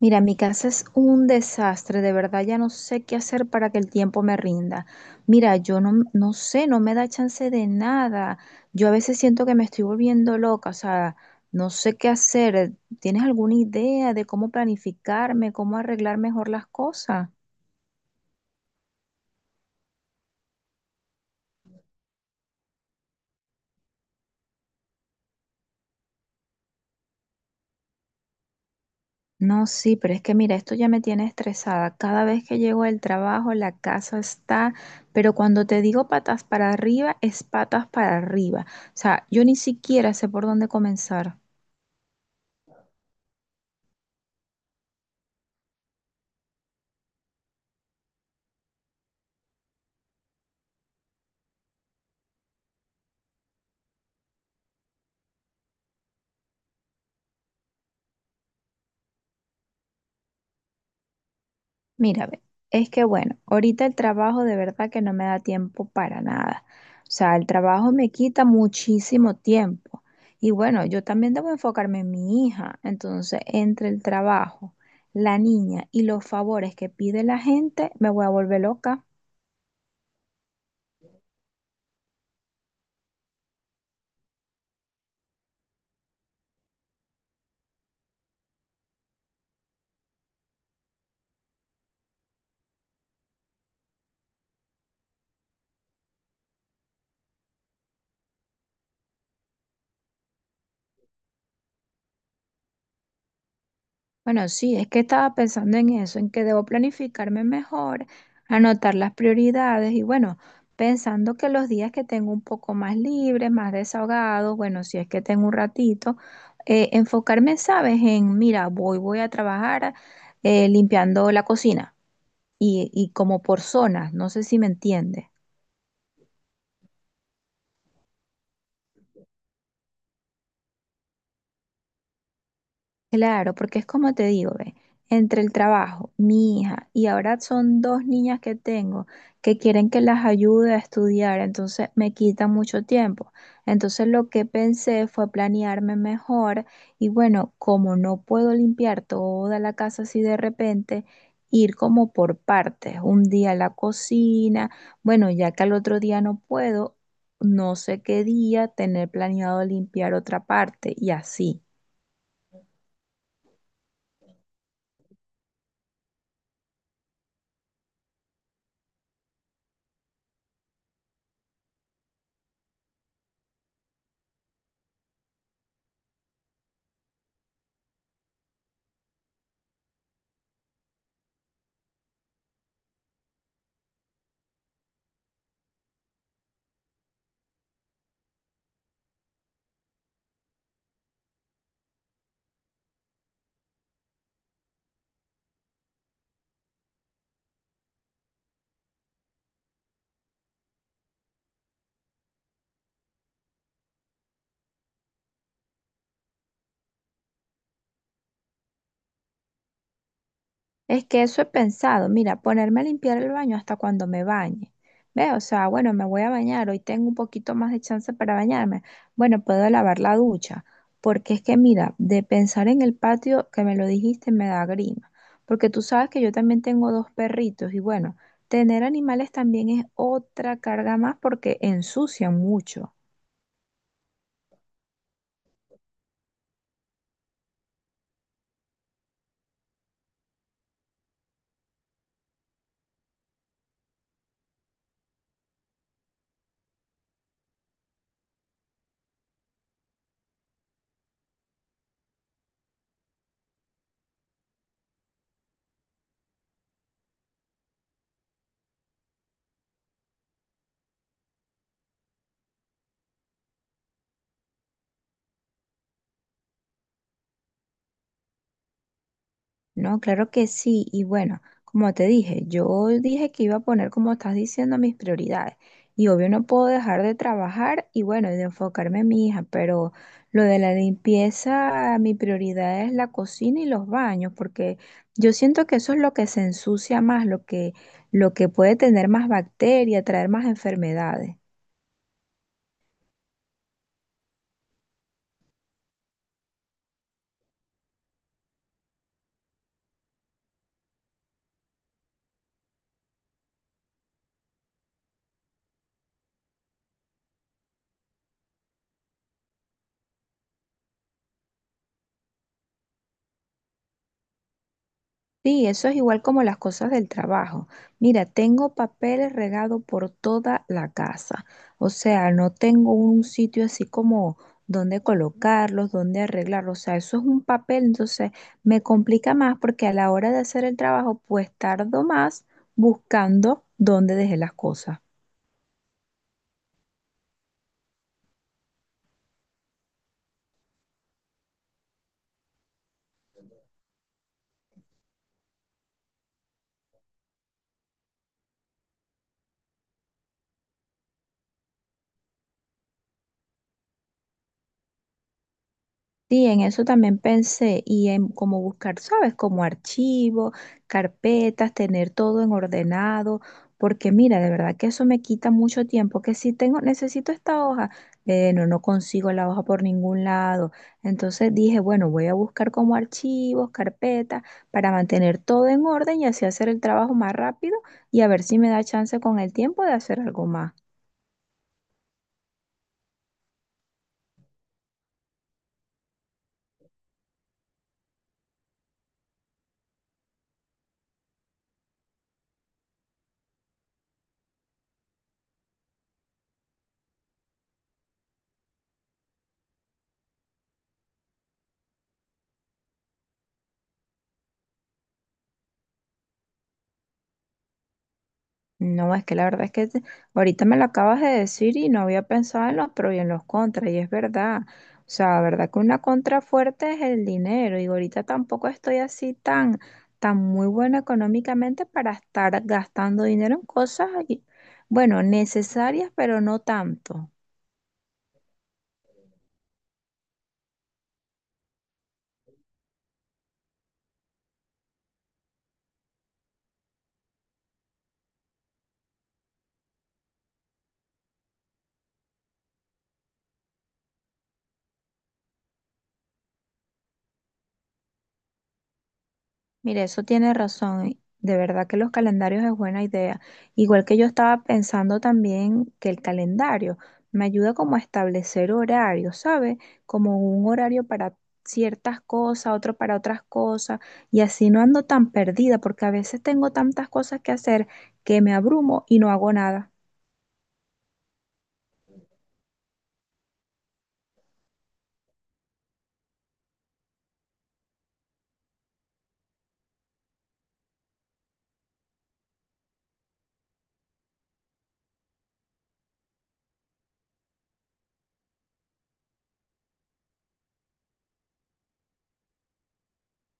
Mira, mi casa es un desastre, de verdad ya no sé qué hacer para que el tiempo me rinda. Mira, yo no sé, no me da chance de nada. Yo a veces siento que me estoy volviendo loca, o sea, no sé qué hacer. ¿Tienes alguna idea de cómo planificarme, cómo arreglar mejor las cosas? No, sí, pero es que mira, esto ya me tiene estresada. Cada vez que llego del trabajo, la casa está, pero cuando te digo patas para arriba, es patas para arriba. O sea, yo ni siquiera sé por dónde comenzar. Mira, ve, es que bueno, ahorita el trabajo de verdad que no me da tiempo para nada. O sea, el trabajo me quita muchísimo tiempo. Y bueno, yo también debo enfocarme en mi hija. Entonces, entre el trabajo, la niña y los favores que pide la gente, me voy a volver loca. Bueno, sí, es que estaba pensando en eso, en que debo planificarme mejor, anotar las prioridades y bueno, pensando que los días que tengo un poco más libres, más desahogados, bueno, si es que tengo un ratito, enfocarme, ¿sabes? En, mira, voy a trabajar limpiando la cocina y como por zonas, no sé si me entiendes. Claro, porque es como te digo, ve, entre el trabajo, mi hija, y ahora son dos niñas que tengo que quieren que las ayude a estudiar, entonces me quita mucho tiempo. Entonces lo que pensé fue planearme mejor y bueno, como no puedo limpiar toda la casa así de repente, ir como por partes, un día la cocina, bueno, ya que al otro día no puedo, no sé qué día tener planeado limpiar otra parte y así. Es que eso he pensado, mira, ponerme a limpiar el baño hasta cuando me bañe. ¿Ves? O sea, bueno, me voy a bañar, hoy tengo un poquito más de chance para bañarme. Bueno, puedo lavar la ducha, porque es que mira, de pensar en el patio que me lo dijiste me da grima, porque tú sabes que yo también tengo dos perritos y bueno, tener animales también es otra carga más porque ensucian mucho. No, claro que sí. Y bueno, como te dije, yo dije que iba a poner, como estás diciendo, mis prioridades. Y obvio no puedo dejar de trabajar y bueno, y de enfocarme en mi hija, pero lo de la limpieza, mi prioridad es la cocina y los baños, porque yo siento que eso es lo que se ensucia más, lo que puede tener más bacterias, traer más enfermedades. Sí, eso es igual como las cosas del trabajo. Mira, tengo papeles regados por toda la casa. O sea, no tengo un sitio así como donde colocarlos, donde arreglarlos. O sea, eso es un papel, entonces me complica más porque a la hora de hacer el trabajo, pues tardo más buscando dónde dejé las cosas. Sí, en eso también pensé y en cómo buscar, ¿sabes? Como archivos, carpetas, tener todo en ordenado, porque mira, de verdad que eso me quita mucho tiempo, que si tengo, necesito esta hoja, eh, no consigo la hoja por ningún lado. Entonces dije, bueno, voy a buscar como archivos, carpetas, para mantener todo en orden y así hacer el trabajo más rápido y a ver si me da chance con el tiempo de hacer algo más. No, es que la verdad es que te- ahorita me lo acabas de decir y no había pensado en los pros y en los contras, y es verdad. O sea, la verdad que una contra fuerte es el dinero, y ahorita tampoco estoy así tan, tan muy buena económicamente para estar gastando dinero en cosas, y- bueno, necesarias, pero no tanto. Mire, eso tiene razón. De verdad que los calendarios es buena idea. Igual que yo estaba pensando también que el calendario me ayuda como a establecer horarios, ¿sabe? Como un horario para ciertas cosas, otro para otras cosas, y así no ando tan perdida, porque a veces tengo tantas cosas que hacer que me abrumo y no hago nada.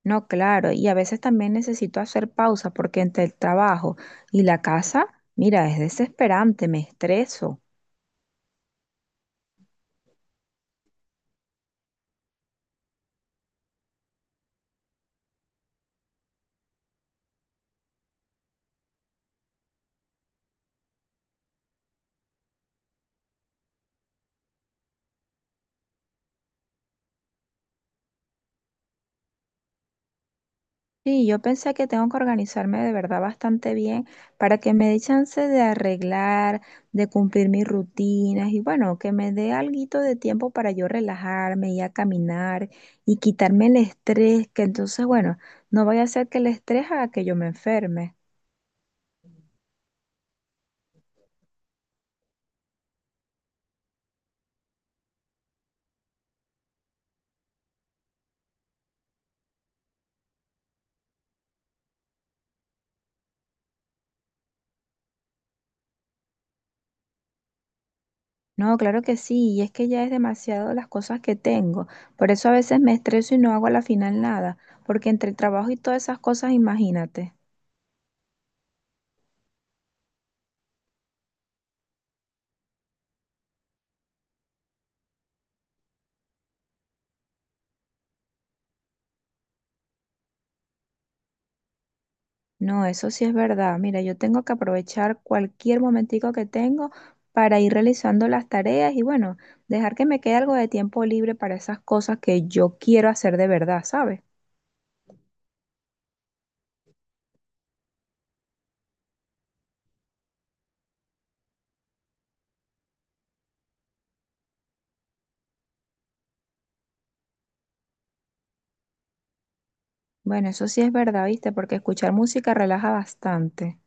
No, claro, y a veces también necesito hacer pausa porque entre el trabajo y la casa, mira, es desesperante, me estreso. Sí, yo pensé que tengo que organizarme de verdad bastante bien para que me dé chance de arreglar, de cumplir mis rutinas y bueno, que me dé alguito de tiempo para yo relajarme y a caminar y quitarme el estrés, que entonces, bueno, no vaya a ser que el estrés haga que yo me enferme. No, claro que sí, y es que ya es demasiado las cosas que tengo. Por eso a veces me estreso y no hago a la final nada, porque entre el trabajo y todas esas cosas, imagínate. No, eso sí es verdad. Mira, yo tengo que aprovechar cualquier momentico que tengo para ir realizando las tareas y bueno, dejar que me quede algo de tiempo libre para esas cosas que yo quiero hacer de verdad, ¿sabes? Bueno, eso sí es verdad, ¿viste? Porque escuchar música relaja bastante.